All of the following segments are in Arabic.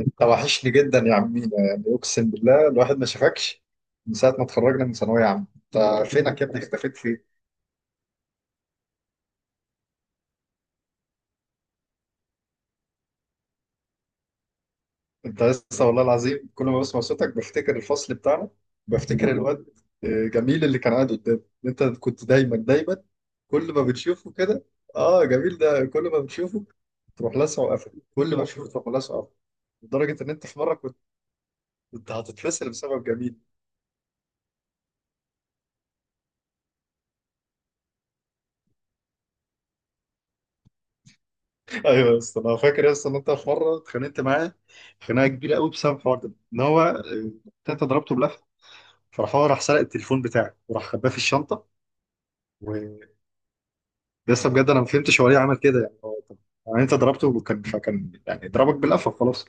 انت وحشني جدا يا عمينا، يعني اقسم بالله الواحد ما شافكش من ساعه ما اتخرجنا من ثانويه عامه. انت فينك يا ابني؟ اختفيت فين؟ انت لسه والله العظيم كل ما بسمع صوتك بفتكر الفصل بتاعنا. بفتكر الواد جميل اللي كان قاعد قدامي. انت كنت دايما دايما كل ما بتشوفه كده اه جميل ده كل ما بتشوفه تروح لاسعه وقفل، كل ما تشوفه تروح لاسعه وقفل. لدرجه ان انت في مره كنت هتتفصل بسبب جميل. ايوه يا اسطى، انا فاكر يا اسطى ان انت في مره اتخانقت معاه خناقه كبيره قوي بسبب الحوار ده ان هو. انت ضربته بلفه، فراح هو راح سرق التليفون بتاعك وراح خباه في الشنطه. ولسه بجد انا ما فهمتش هو ليه عمل كده، يعني هو طب يعني انت ضربته وكان فكان يعني ضربك بلفه خلاص.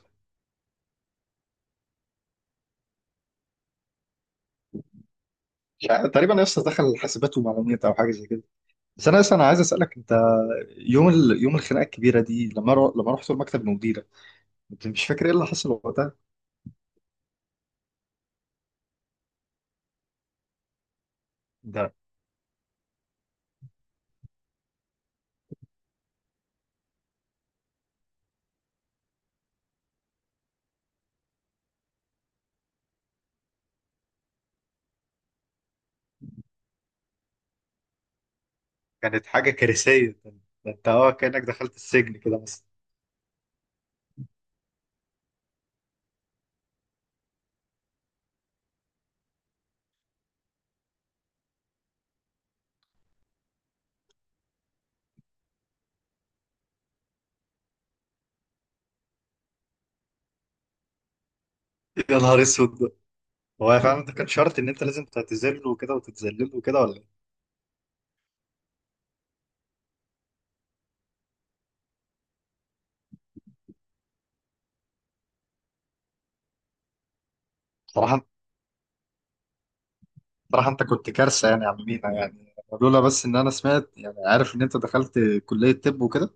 تقريبا يا اسطى دخل حاسبات ومعلومات او حاجه زي كده. بس انا اصلا انا عايز اسالك انت، يوم الخناقه الكبيره دي لما لما رحت المكتب المديره، انت مش فاكر ايه اللي حصل وقتها؟ ده كانت حاجه كارثيه، ده انت كانك دخلت السجن كده مثلا. يا نهار اسود! هو فعلا ده كان شرط ان انت لازم تعتذر له وكده وتتذلل له كده ولا ايه؟ صراحه صراحه انت كنت كارثه يعني يا عم مينا يعني. لولا بس ان انا سمعت يعني، عارف ان انت دخلت كليه طب وكده،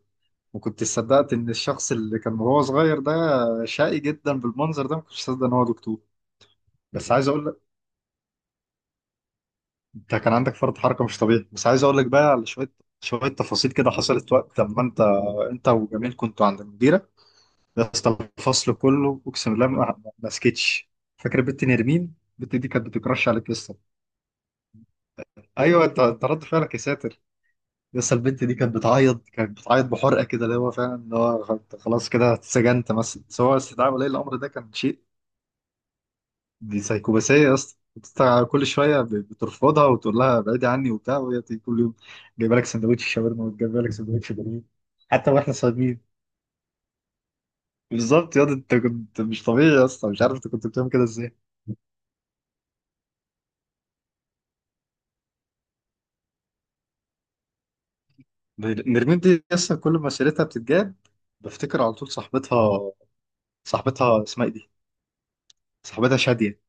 وكنت صدقت ان الشخص اللي كان وهو صغير ده شقي جدا بالمنظر ده، ما كنتش صدق ان هو دكتور. بس عايز اقول لك، انت كان عندك فرط حركه مش طبيعي. بس عايز اقول لك بقى على شويه شويه تفاصيل كده حصلت وقت لما انت وجميل كنتوا عند المديره. يا اسطى الفصل كله اقسم بالله ما سكتش. فاكر البنت نرمين؟ البنت دي كانت بتكرش عليك يا اسطى. ايوه انت رد فعلك يا ساتر! يا اسطى البنت دي كانت بتعيط، كانت بتعيط بحرقه كده، اللي هو فعلا اللي هو أنت خلاص كده اتسجنت مثلا، سواء استدعاء ولي الامر ده كان شيء. دي سايكوباسيه يا اسطى، أنت كل شويه بترفضها وتقول لها بعيدي عني وبتاع، وهي تيجي كل يوم جايبه لك سندوتش شاورما وجايبه لك سندوتش بانيه، حتى واحنا صايمين. بالظبط يا اسطى، انت كنت مش طبيعي يا اسطى، مش عارف انت كنت بتعمل كده ازاي. نرمين دي لسه كل ما سيرتها بتتجاب بفتكر على طول صاحبتها. صاحبتها اسمها ايه دي؟ صاحبتها شادية،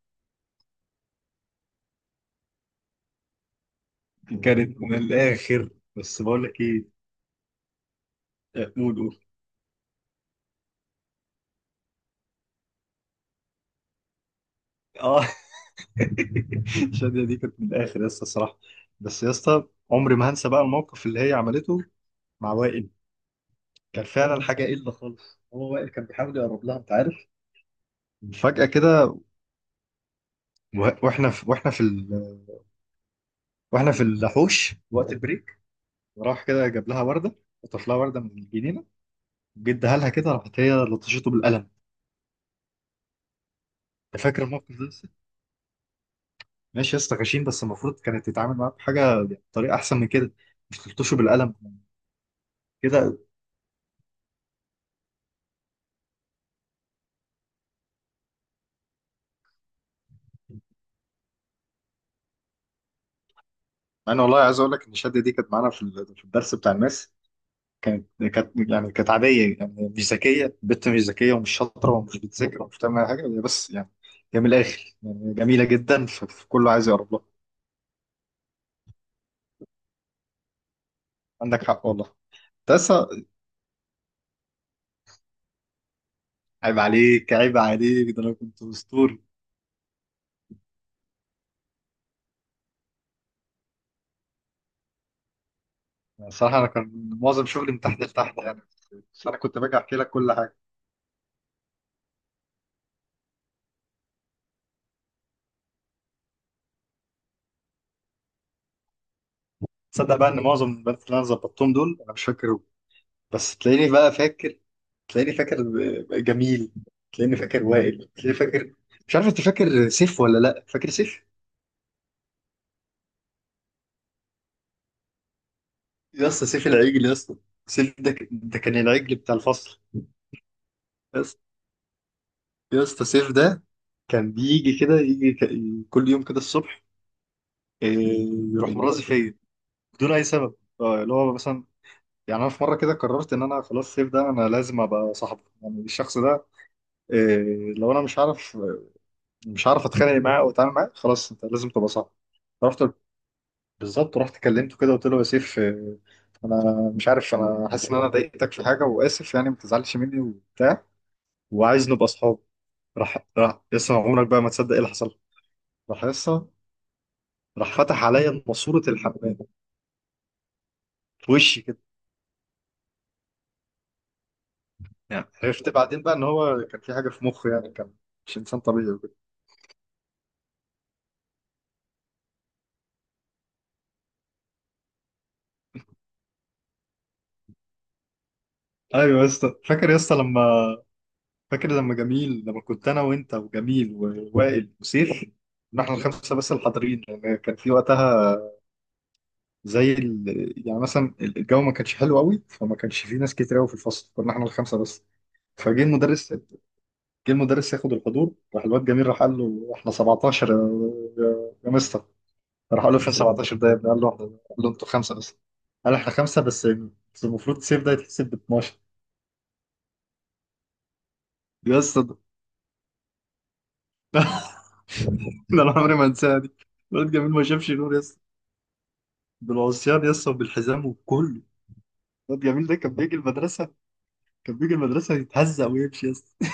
كانت من الآخر. بس بقول لك ايه، قول قول. اه شادية دي كانت من الآخر يا اسطى الصراحة. بس يا اسطى عمري ما هنسى بقى الموقف اللي هي عملته مع وائل. كان فعلا حاجة قلة خالص، هو وائل كان بيحاول يقرب لها، انت عارف، فجأة كده و- واحنا في واحنا في ال... واحنا في الحوش وقت البريك، راح كده جاب لها وردة، خطف لها وردة من الجنينة جدا، قالها كده، راحت هي لطشته بالقلم. انت فاكر الموقف ده لسه؟ ماشي يا اسطى غشيم، بس المفروض كانت تتعامل معاه بحاجه يعني بطريقه احسن من كده، مش تلطشه بالقلم كده. انا والله عايز اقول لك ان الشده دي كانت معانا في في الدرس بتاع الماس. كانت كانت عاديه يعني، مش ذكيه، بنت مش ذكيه ومش شاطره ومش بتذاكر ومش بتعمل أي حاجه، هي بس يعني هي من الاخر يعني جميله جدا، فكله عايز يقرب لها. عندك حق والله. تسا عيب عليك عيب عليك، ده انا كنت اسطوري! الصراحة أنا كان معظم شغلي من تحت لتحت يعني، بس أنا كنت باجي أحكي لك كل حاجة. تصدق بقى إن معظم البنات اللي أنا ظبطتهم دول أنا مش فاكرهم؟ بس تلاقيني بقى فاكر، تلاقيني فاكر جميل، تلاقيني فاكر وائل، تلاقيني فاكر مش عارف، أنت فاكر سيف ولا لأ؟ فاكر سيف؟ يا اسطى سيف العجل يا اسطى! سيف ده ده كان العجل بتاع الفصل. يا اسطى، يا اسطى سيف ده كان بيجي كده، يجي كل يوم كده الصبح، إيه، يروح مرازي فيا بدون أي سبب. اللي هو مثلا يعني انا في مره كده قررت ان انا خلاص الصيف ده انا لازم ابقى صاحبه، يعني الشخص ده لو انا مش عارف اتخانق معاه او اتعامل معاه، خلاص انت لازم تبقى صاحبه. رحت، بالظبط رحت كلمته كده، قلت له يا سيف، انا مش عارف، انا حاسس ان انا ضايقتك في حاجه واسف يعني، ما تزعلش مني وبتاع وعايز نبقى اصحاب. راح لسه عمرك بقى ما تصدق ايه اللي حصل، راح لسه راح فتح عليا ماسوره الحمام في وشي كده. يعني عرفت بعدين بقى ان هو كان في حاجه في مخه، يعني كان مش انسان طبيعي. ايوه يا اسطى، فاكر يا اسطى لما، فاكر لما جميل، لما كنت انا وانت وجميل ووائل وسيف، إن احنا الخمسه بس الحاضرين، لان كان في وقتها يعني مثلا الجو ما كانش حلو قوي، فما كانش في ناس كتير قوي في الفصل، كنا احنا الخمسه بس. فجه المدرس، جه المدرس ياخد الحضور، راح الواد جميل راح قال له احنا 17 يا يا مستر، راح قال له فين 17 ده يا ابني؟ قال له، انتوا خمسه بس، قال احنا خمسه بس، بس المفروض سيف ده يتحسب ب 12. يا اسطى ده انا عمري ما انساها دي! الواد جميل ما شافش نور يا اسطى، بالعصيان يا اسطى وبالحزام وبكله. الواد جميل ده كان بيجي المدرسه، كان بيجي المدرسه يتهزق ويمشي يا اسطى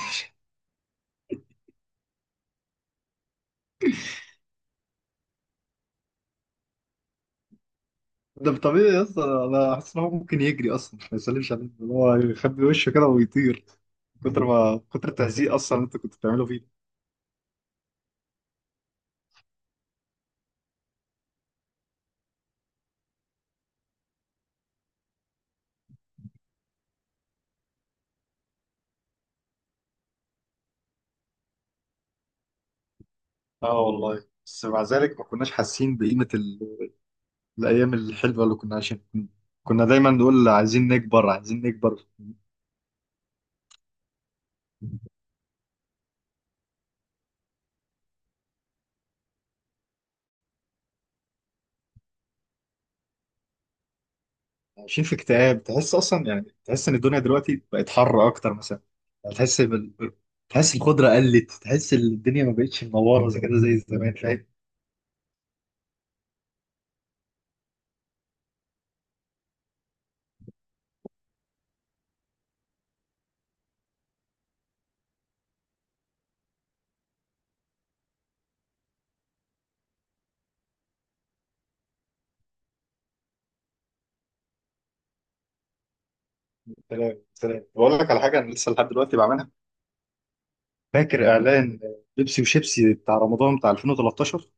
ده طبيعي يا اسطى، انا حاسس ان هو ممكن يجري اصلا ما يسلمش عليك، اللي هو يخبي وشه كده ويطير، كتر ما كتر التهزيق اصلا اللي انت كنت بتعمله فيه. اه والله بس مع ذلك ما كناش حاسين بقيمة الأيام الحلوة اللي كنا عايشين. كنا دايما نقول عايزين نكبر، عايزين نكبر. عايشين في اكتئاب، تحس اصلا يعني تحس ان الدنيا دلوقتي بقت حر اكتر مثلا، يعني تحس تحس الخضره قلت، تحس الدنيا ما بقتش منوره زي كده زي زمان فاهم؟ سلام سلام، بقول لك على حاجه انا لسه لحد دلوقتي بعملها. فاكر اعلان بيبسي وشيبسي بتاع رمضان بتاع 2013،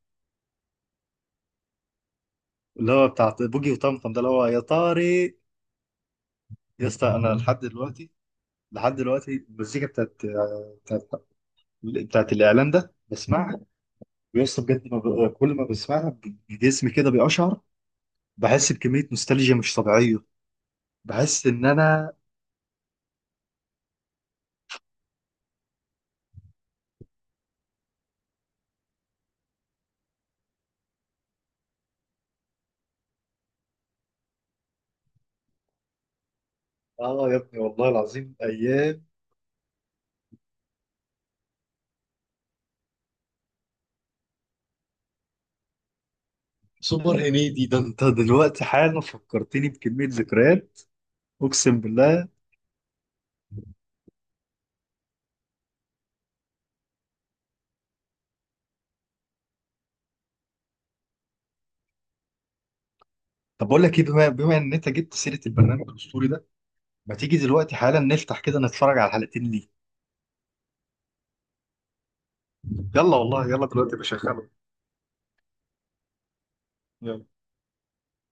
اللي هو بتاع بوجي وطمطم ده، اللي هو يا طارق. يا اسطى انا لحد دلوقتي، لحد دلوقتي المزيكا بتاعت, بتاعت الاعلان ده بسمعها، ويا اسطى بجد ما كل ما بسمعها جسمي كده بيقشعر، بحس بكمية نوستالجيا مش طبيعية، بحس إن أنا. يا ابني والله العظيم أيام! سوبر هنيدي ده أنت دلوقتي حالا فكرتني بكمية ذكريات، أقسم بالله. طب بقول لك إيه، بما إن أنت جبت سيرة البرنامج الأسطوري ده، ما تيجي دلوقتي حالا نفتح كده نتفرج على الحلقتين ليه؟ يلا والله، يلا دلوقتي بشغله. يلا.